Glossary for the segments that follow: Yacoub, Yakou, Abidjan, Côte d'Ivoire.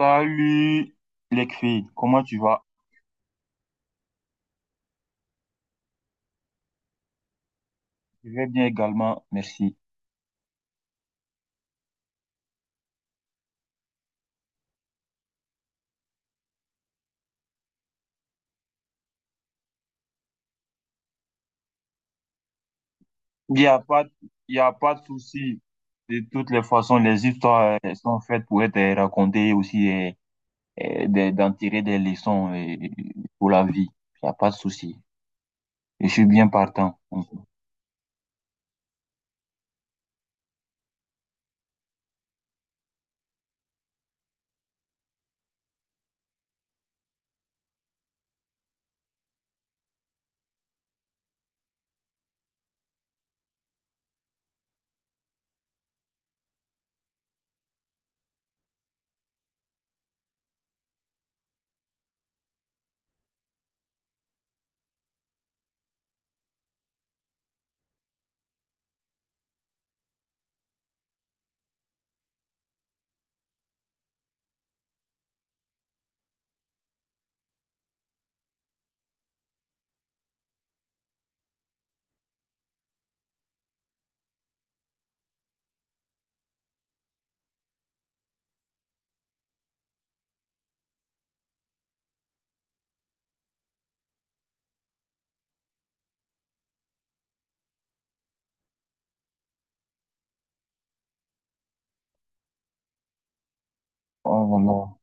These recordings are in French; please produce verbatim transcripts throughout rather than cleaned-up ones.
Salut les filles, comment tu vas? Je vais bien également, merci. Il n'y a pas, il y a pas de souci. De toutes les façons, les histoires euh, sont faites pour être euh, racontées aussi euh, euh, de- d'en tirer des leçons euh, pour la vie. Il n'y a pas de souci. Je suis bien partant. Oh, non.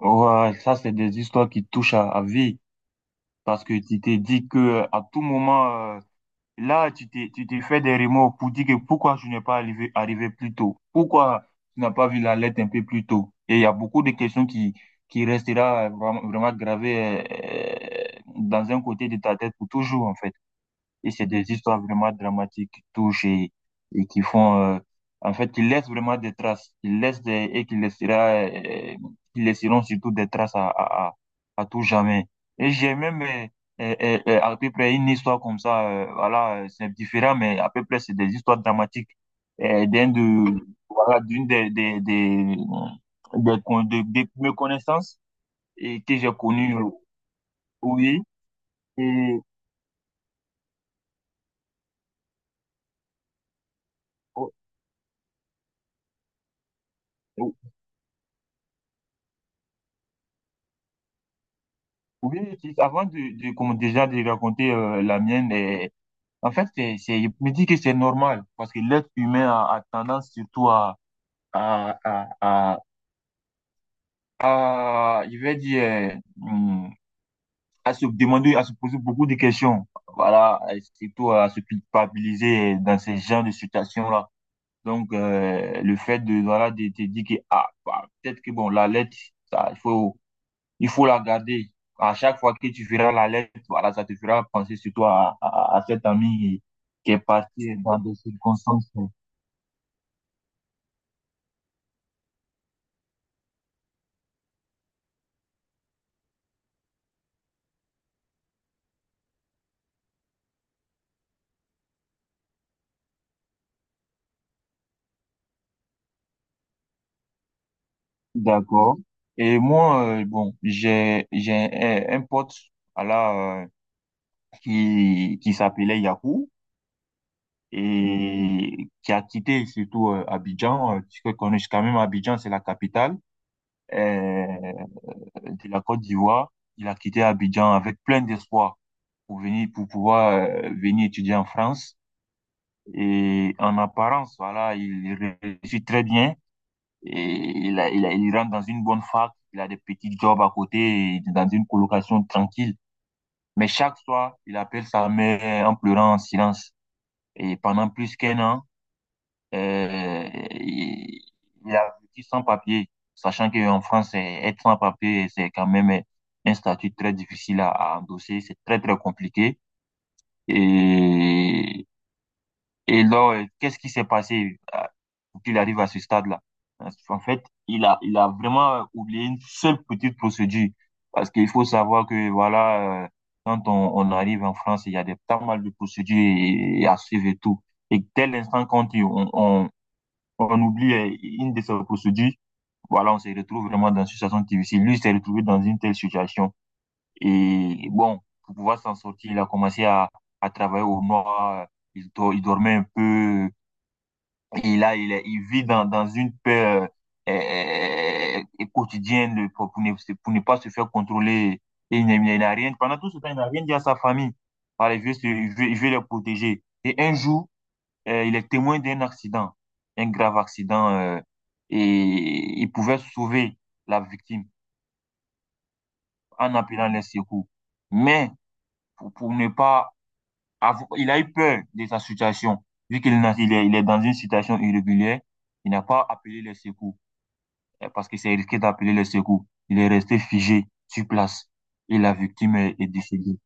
Ouais, ça, c'est des histoires qui touchent à, à vie parce que tu t'es dit que à tout moment, euh, là, tu t'es, tu t'es fait des remords pour dire que pourquoi je n'ai pas arrivé, arrivé plus tôt? Pourquoi tu n'as pas vu la lettre un peu plus tôt? Et il y a beaucoup de questions qui, qui resteront vraiment, vraiment gravées euh, dans un côté de ta tête pour toujours, en fait. Et c'est des histoires vraiment dramatiques qui touchent et, et qui font, euh, en fait, ils laissent vraiment des traces. Ils laissent des, et qui laissera, euh, qui laisseront surtout des traces à, à, à, à tout jamais. Et j'ai même, euh, euh, euh, euh, à peu près une histoire comme ça, euh, voilà, euh, c'est différent, mais à peu près c'est des histoires dramatiques euh, d'un de, voilà, d'une des, des, des, des, con- des, des mes connaissances et que j'ai connues, euh, oui. Et, oh, oui, tu- avant de, de comme déjà de raconter euh, la mienne, euh, en fait, c'est, c'est, je me dis que c'est normal parce que l'être humain a, a tendance surtout à, à, à, à, à- je vais dire, euh, hmm, à se demander, à se poser beaucoup de questions. Voilà, et surtout à se culpabiliser dans ces genres de situations-là. Donc, euh, le fait de, voilà, de te dire que, ah, bah, peut-être que, bon, la lettre, ça, il faut il faut la garder. À chaque fois que tu verras la lettre, voilà, ça te fera penser surtout à, à, à cet ami qui est parti dans des circonstances. D'accord. Et moi, euh, bon, j'ai, j'ai un, un pote, voilà, euh, qui, qui s'appelait Yakou et qui a quitté surtout euh, Abidjan. Euh, tu connais quand même Abidjan, c'est la capitale euh, de la Côte d'Ivoire. Il a quitté Abidjan avec plein d'espoir pour venir, pour pouvoir euh, venir étudier en France. Et en apparence, voilà, il réussit très bien. Et il, a- il, a- il rentre dans une bonne fac, il a des petits jobs à côté, et dans une colocation tranquille. Mais chaque soir, il appelle sa mère en pleurant en silence. Et pendant plus qu'un an, euh, il, il a vécu sans papier, sachant qu'en France, eh, être sans papier, c'est quand même eh, un statut très difficile à, à endosser, c'est très, très compliqué. Et Et là, euh, qu'est-ce qui s'est passé euh, pour qu'il arrive à ce stade-là? Parce qu'en fait, il a, il a vraiment euh, oublié une seule petite procédure. Parce qu'il faut savoir que, voilà, euh, quand on, on arrive en France, il y a des, pas mal de procédures et, et à suivre et tout. Et dès l'instant quand il- on, on, on oublie euh, une de ces procédures, voilà, on se retrouve vraiment dans une situation difficile. Lui, il s'est retrouvé dans une telle situation. Et bon, pour pouvoir s'en sortir, il a commencé à, à travailler au noir. Il, dor- il dormait un peu, et là, il, est- il vit dans, dans une peur euh, euh, euh, euh, quotidienne de- pour, pour ne, pour ne pas se faire contrôler. Et il n'a rien, pendant tout ce temps, il n'a rien dit à sa famille. Voilà, il veut, se- il veut, il veut les protéger. Et un jour, euh, il est témoin d'un accident, un grave accident, euh, et il pouvait sauver la victime en appelant les secours. Mais pour, pour ne pas avoir, il a eu peur de sa situation, vu qu'il il est, il est dans une situation irrégulière, il n'a pas appelé les secours. Euh, parce que c'est risqué d'appeler a les secours. Il est resté figé sur place et la victime est, est décédée.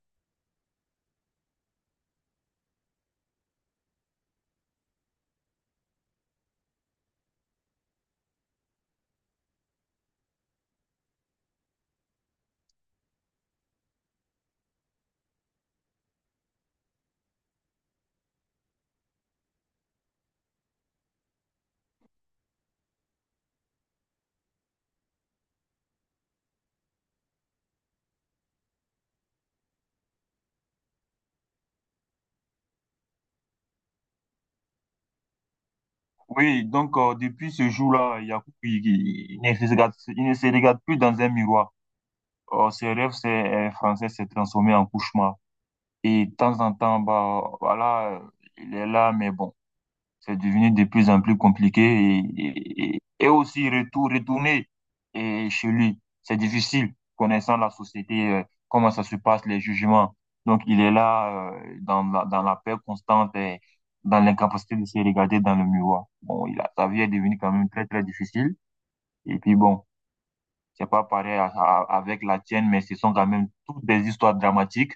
Oui, donc euh, depuis ce jour-là, Yacoub, il, il ne se regarde, il ne se regarde plus dans un miroir. Euh, ses rêves c'est, euh, français s'est transformé en cauchemar. Et de temps en temps, bah, voilà, il est là, mais bon. C'est devenu de plus en plus compliqué et, et, et aussi retour, retourner et chez lui. C'est difficile, connaissant la société, euh, comment ça se passe, les jugements. Donc, il est là euh, dans la, dans la peur constante et dans l'incapacité de se regarder dans le miroir. Bon, il a, sa vie est devenue quand même très, très difficile. Et puis bon, c'est pas pareil à- à- avec la tienne, mais ce sont quand même toutes des histoires dramatiques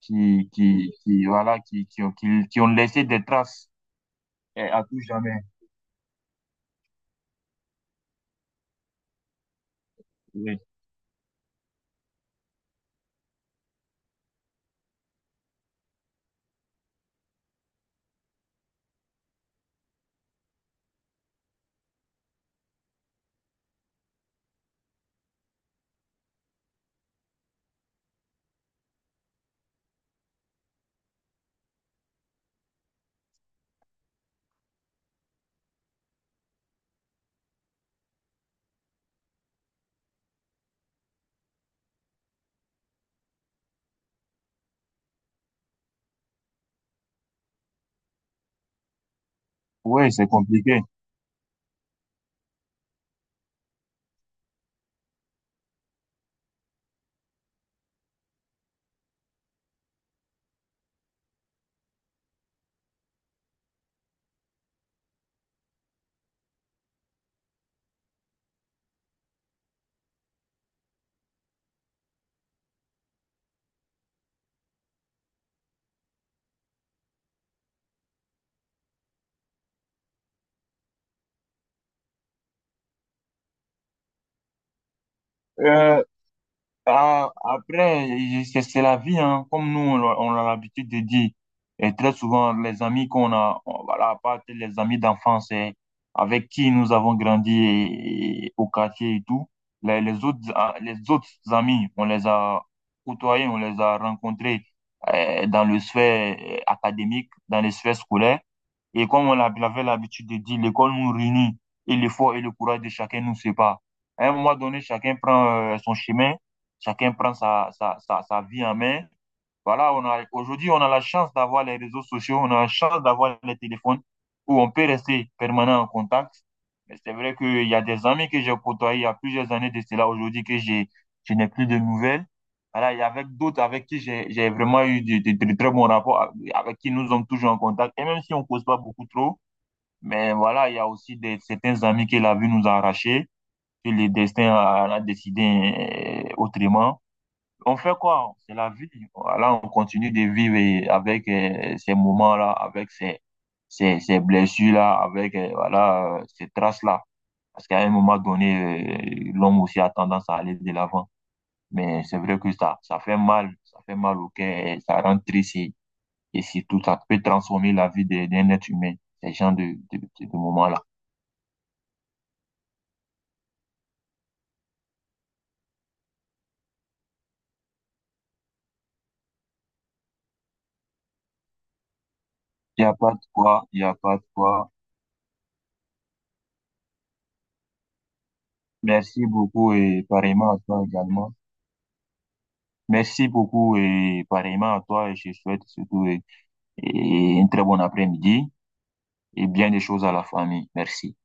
qui, qui, qui voilà, qui, qui, ont- qui, qui ont laissé des traces euh, à tout jamais. Oui, c'est compliqué. Euh, Ah, après, je- c'est c'est la vie, hein. Comme nous, on, l'a- on a l'habitude de dire, et très souvent, les amis qu'on a, on- voilà, à part les amis d'enfance eh, avec qui nous avons grandi et- et au quartier et tout, les, les autres, ah, les autres amis, on les a côtoyés, on les a rencontrés eh, dans le sphère eh, académique, dans les sphères scolaires. Et comme on l'a- l'avait l'habitude de dire, l'école nous réunit et l'effort et le courage de chacun nous sépare. À un moment donné, chacun prend euh, son chemin. Chacun prend sa, sa, sa, sa vie en main. Voilà, on a, aujourd'hui, on a la chance d'avoir les réseaux sociaux, on a la chance d'avoir les téléphones où on peut rester permanent en contact. Mais c'est vrai qu'il y a des amis que j'ai côtoyés il y a plusieurs années de cela aujourd'hui que j'ai, je n'ai plus de nouvelles. Voilà, il y a avec d'autres avec qui j'ai, j'ai vraiment eu de, de- de très bons rapports, avec qui nous sommes toujours en contact. Et même si on ne cause pas beaucoup trop, mais voilà, il y a aussi des, certains amis que la vie nous a arrachés, que le destin a, a décidé euh, autrement. On fait quoi? C'est la vie. Là, on continue de vivre et avec euh, ces moments-là, avec ces, ces, ces blessures-là, avec euh, voilà, euh, ces traces-là. Parce qu'à un moment donné, euh, l'homme aussi a tendance à aller de l'avant. Mais c'est vrai que ça, ça fait mal, ça fait mal au cœur, et ça rend triste et, et surtout, ça peut transformer la vie de- d'un être humain, ces gens de, de, de, de moments-là. Il n'y a pas de quoi, il n'y a pas de quoi. Merci beaucoup et pareillement à toi également. Merci beaucoup et pareillement à toi et je souhaite surtout et- et une très bon après-midi et bien des choses à la famille. Merci.